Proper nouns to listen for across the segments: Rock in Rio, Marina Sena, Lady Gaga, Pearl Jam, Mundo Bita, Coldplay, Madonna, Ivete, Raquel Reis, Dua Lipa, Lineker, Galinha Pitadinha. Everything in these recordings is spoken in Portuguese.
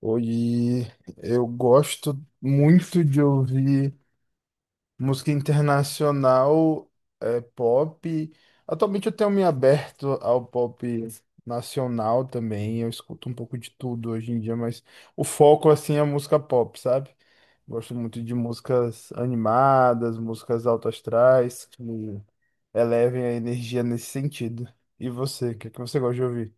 Hoje eu gosto muito de ouvir música internacional, pop. Atualmente eu tenho me aberto ao pop nacional também. Eu escuto um pouco de tudo hoje em dia, mas o foco assim é música pop, sabe? Gosto muito de músicas animadas, músicas alto astrais, que elevem a energia nesse sentido. E você, o que é que você gosta de ouvir?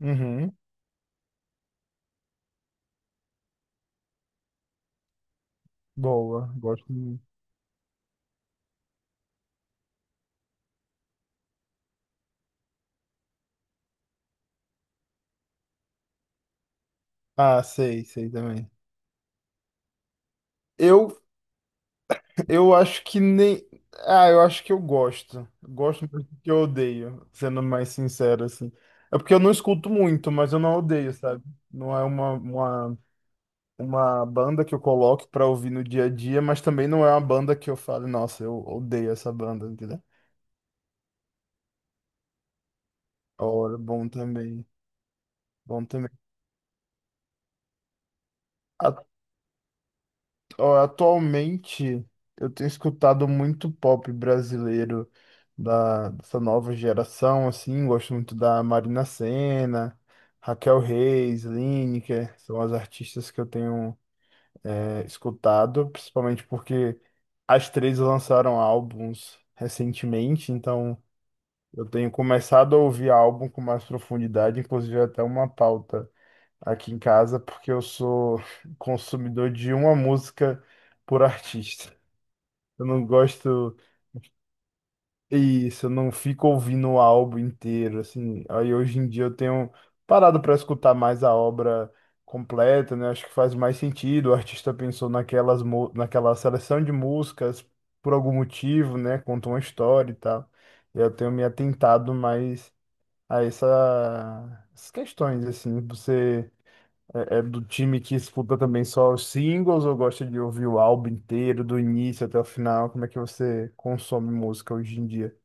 Uhum, boa, gosto muito. Ah, sei, sei também. Eu Eu acho que nem. Ah, eu acho que eu gosto. Gosto mais do que eu odeio, sendo mais sincero, assim. É porque eu não escuto muito, mas eu não odeio, sabe? Não é uma banda que eu coloque pra ouvir no dia a dia, mas também não é uma banda que eu falo, nossa, eu odeio essa banda, entendeu? Ora, bom também. Bom também. Ó, atualmente eu tenho escutado muito pop brasileiro dessa nova geração, assim, gosto muito da Marina Sena, Raquel Reis, Lineker, são as artistas que eu tenho escutado, principalmente porque as três lançaram álbuns recentemente, então eu tenho começado a ouvir álbum com mais profundidade, inclusive até uma pauta aqui em casa, porque eu sou consumidor de uma música por artista. Eu não gosto. É isso, eu não fico ouvindo o álbum inteiro, assim. Aí hoje em dia eu tenho parado para escutar mais a obra completa, né? Acho que faz mais sentido. O artista pensou naquela seleção de músicas por algum motivo, né? Conta uma história e tal. Eu tenho me atentado mais a essas questões, assim. Você é do time que escuta também só os singles ou gosta de ouvir o álbum inteiro, do início até o final? Como é que você consome música hoje em dia?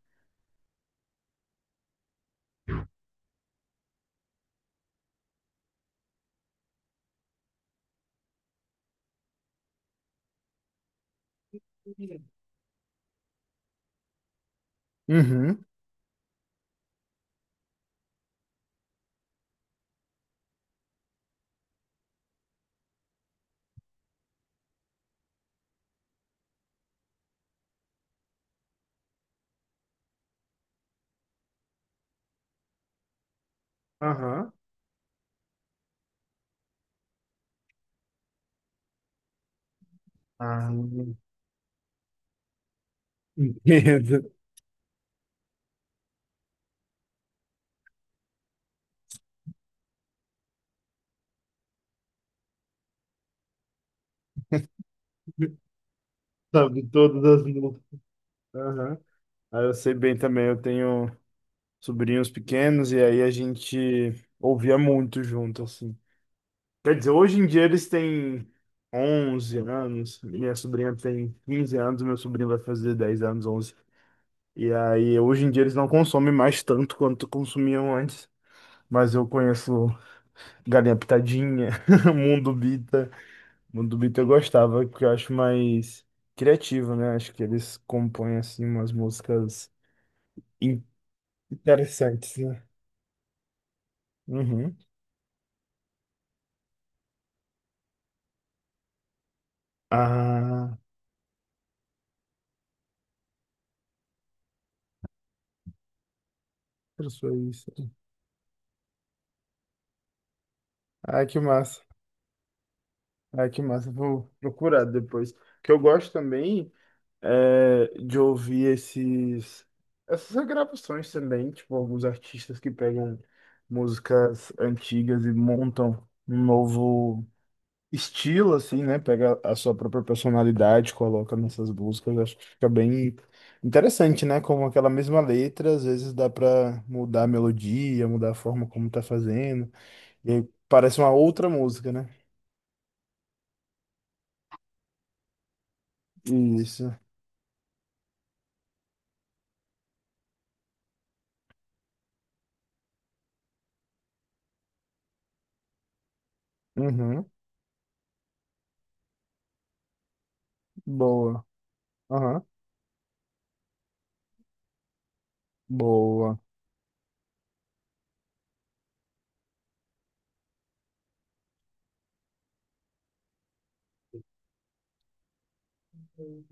Uhum. Aham. Ah, entendo. Sabe todas as músicas. Aham. Ah, eu sei bem também, eu tenho sobrinhos pequenos e aí a gente ouvia muito junto, assim. Quer dizer, hoje em dia eles têm 11 anos, minha sobrinha tem 15 anos, meu sobrinho vai fazer 10 anos, 11. E aí, hoje em dia eles não consomem mais tanto quanto consumiam antes. Mas eu conheço Galinha Pitadinha, Mundo Bita. Mundo Bita eu gostava, porque eu acho mais criativo, né? Acho que eles compõem, assim, umas músicas in- interessantes, né? Uhum. Ah, professor, isso. Ah, que massa. Ah, que massa. Vou procurar depois. O Que eu gosto também. É de ouvir essas regravações também, tipo, alguns artistas que pegam músicas antigas e montam um novo estilo, assim, né? Pega a sua própria personalidade, coloca nessas músicas, acho que fica bem interessante, né? Como aquela mesma letra, às vezes dá pra mudar a melodia, mudar a forma como tá fazendo, e aí parece uma outra música, né? Isso. Uhum. Boa. Aham. Boa.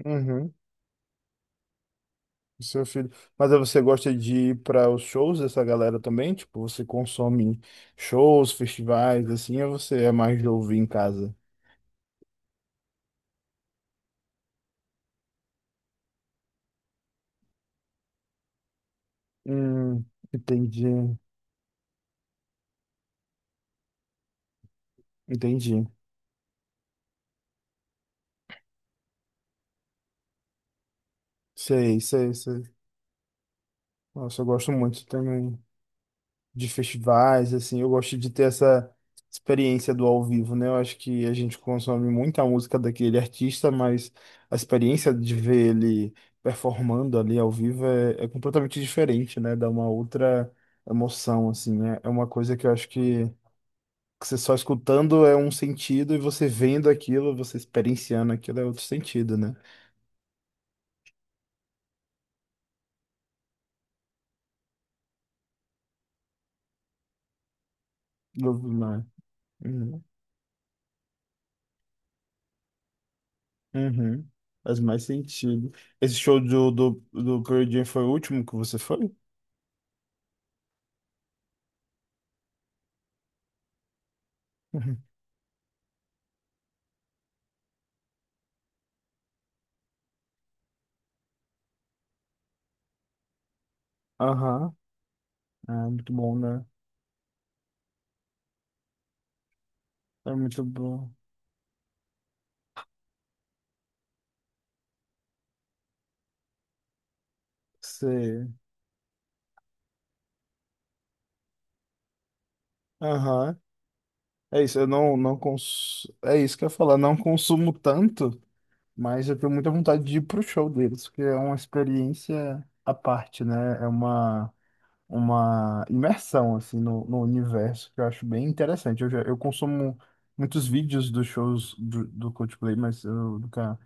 Uhum. O seu filho. Mas aí você gosta de ir para os shows dessa galera também? Tipo, você consome shows, festivais, assim, ou você é mais de ouvir em casa? Hum, entendi, entendi. Sei, sei, sei. Nossa, eu gosto muito também. De festivais, assim, eu gosto de ter essa experiência do ao vivo, né? Eu acho que a gente consome muita música daquele artista, mas a experiência de ver ele performando ali ao vivo é completamente diferente, né? Dá uma outra emoção, assim, né? É uma coisa que que você só escutando é um sentido e você vendo aquilo, você experienciando aquilo é outro sentido, né? Né? Uhum. Uhum. Faz mais sentido. Esse show do Pearl Jam foi o último que você foi? Uhum. Aham. Ah, muito bom, né? É muito bom. Sei. Aham. É isso, eu não, não É isso que eu ia falar, não consumo tanto, mas eu tenho muita vontade de ir pro show deles, porque é uma experiência à parte, né? É uma imersão, assim, no universo, que eu acho bem interessante. Eu consumo muitos vídeos dos shows do Coldplay, mas eu nunca,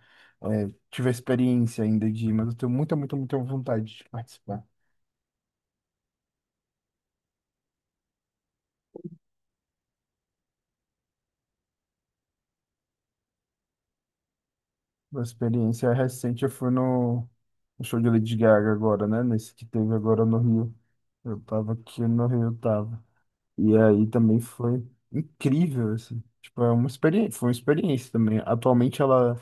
é, tive a experiência ainda de ir, mas eu tenho muita vontade de participar. Uma experiência recente, eu fui no show de Lady Gaga agora, né? Nesse que teve agora no Rio. Eu tava aqui no Rio, eu tava. E aí também foi incrível, assim. Tipo, é uma experiência, foi uma experiência também. Atualmente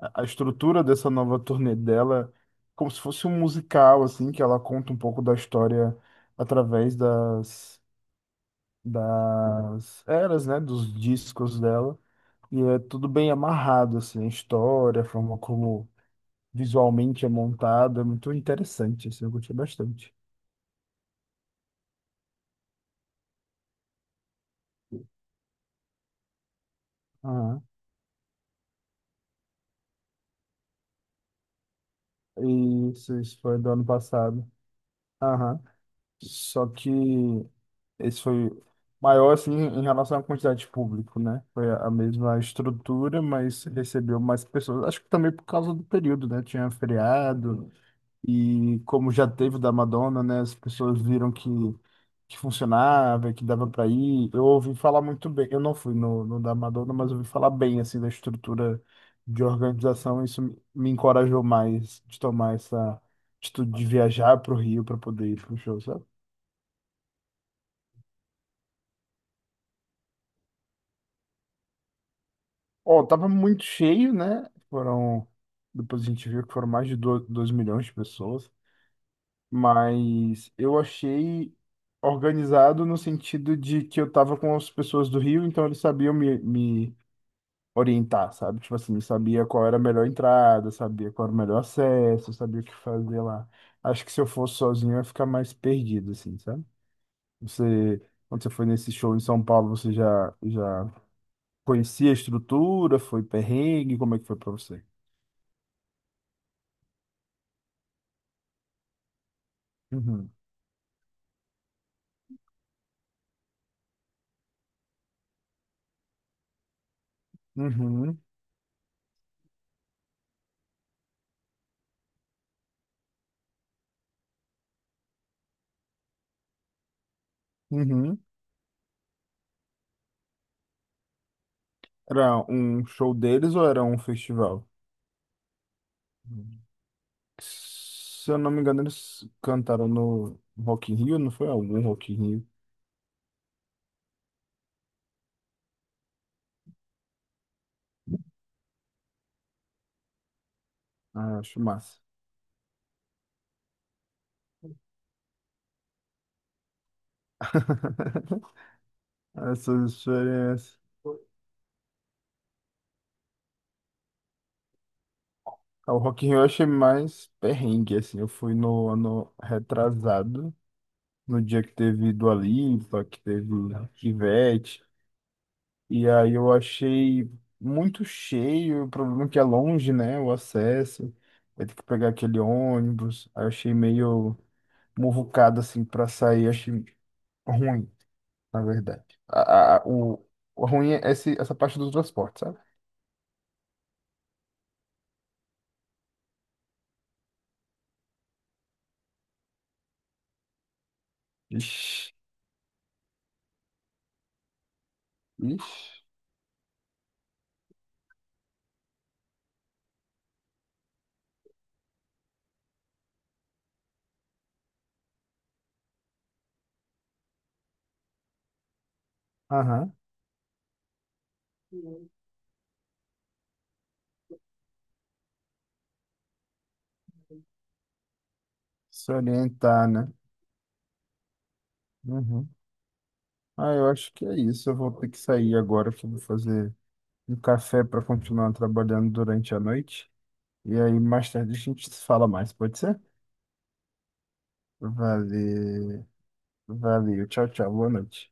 a estrutura dessa nova turnê dela, é como se fosse um musical, assim, que ela conta um pouco da história através das eras, né? Dos discos dela. E é tudo bem amarrado, assim, a história, a forma como visualmente é montado, é muito interessante, assim, eu gostei bastante. Aham. Isso foi do ano passado. Aham. Só que esse foi maior, assim, em relação à quantidade de público, né? Foi a mesma estrutura, mas recebeu mais pessoas. Acho que também por causa do período, né? Tinha feriado. E como já teve o da Madonna, né, as pessoas viram que funcionava, que dava para ir. Eu ouvi falar muito bem. Eu não fui no da Madonna, mas ouvi falar bem assim da estrutura de organização. Isso me encorajou mais de tomar essa atitude de viajar para o Rio para poder ir pro show, sabe? Ó, tava muito cheio, né? Foram. Depois a gente viu que foram mais de 2 milhões de pessoas. Mas eu achei organizado no sentido de que eu tava com as pessoas do Rio, então eles sabiam me orientar, sabe? Tipo assim, sabia qual era a melhor entrada, sabia qual era o melhor acesso, sabia o que fazer lá. Acho que se eu fosse sozinho eu ia ficar mais perdido, assim, sabe? Você, quando você foi nesse show em São Paulo, já conhecia a estrutura, foi perrengue, como é que foi pra você? Uhum. Uhum. Uhum. Era um show deles ou era um festival? Se eu não me engano, eles cantaram no Rock in Rio, não foi algum Rock in Rio? Ah, acho massa. Essas experiências. Ah, o Rock in Rio eu achei mais perrengue, assim. Eu fui no ano retrasado, no dia que teve Dua Lipa, que teve Ivete. E aí eu achei muito cheio, o problema é que é longe, né, o acesso. Vai ter que pegar aquele ônibus. Aí eu achei meio muvucado, assim, pra sair. Achei ruim. Na verdade. O ruim é essa parte do transporte, sabe? Ixi, ixi. Aham. Se orientar, né? Uhum. Ah, eu acho que é isso. Eu vou ter que sair agora, que eu vou fazer um café para continuar trabalhando durante a noite. E aí, mais tarde, a gente se fala mais, pode ser? Valeu, valeu. Tchau, tchau. Boa noite.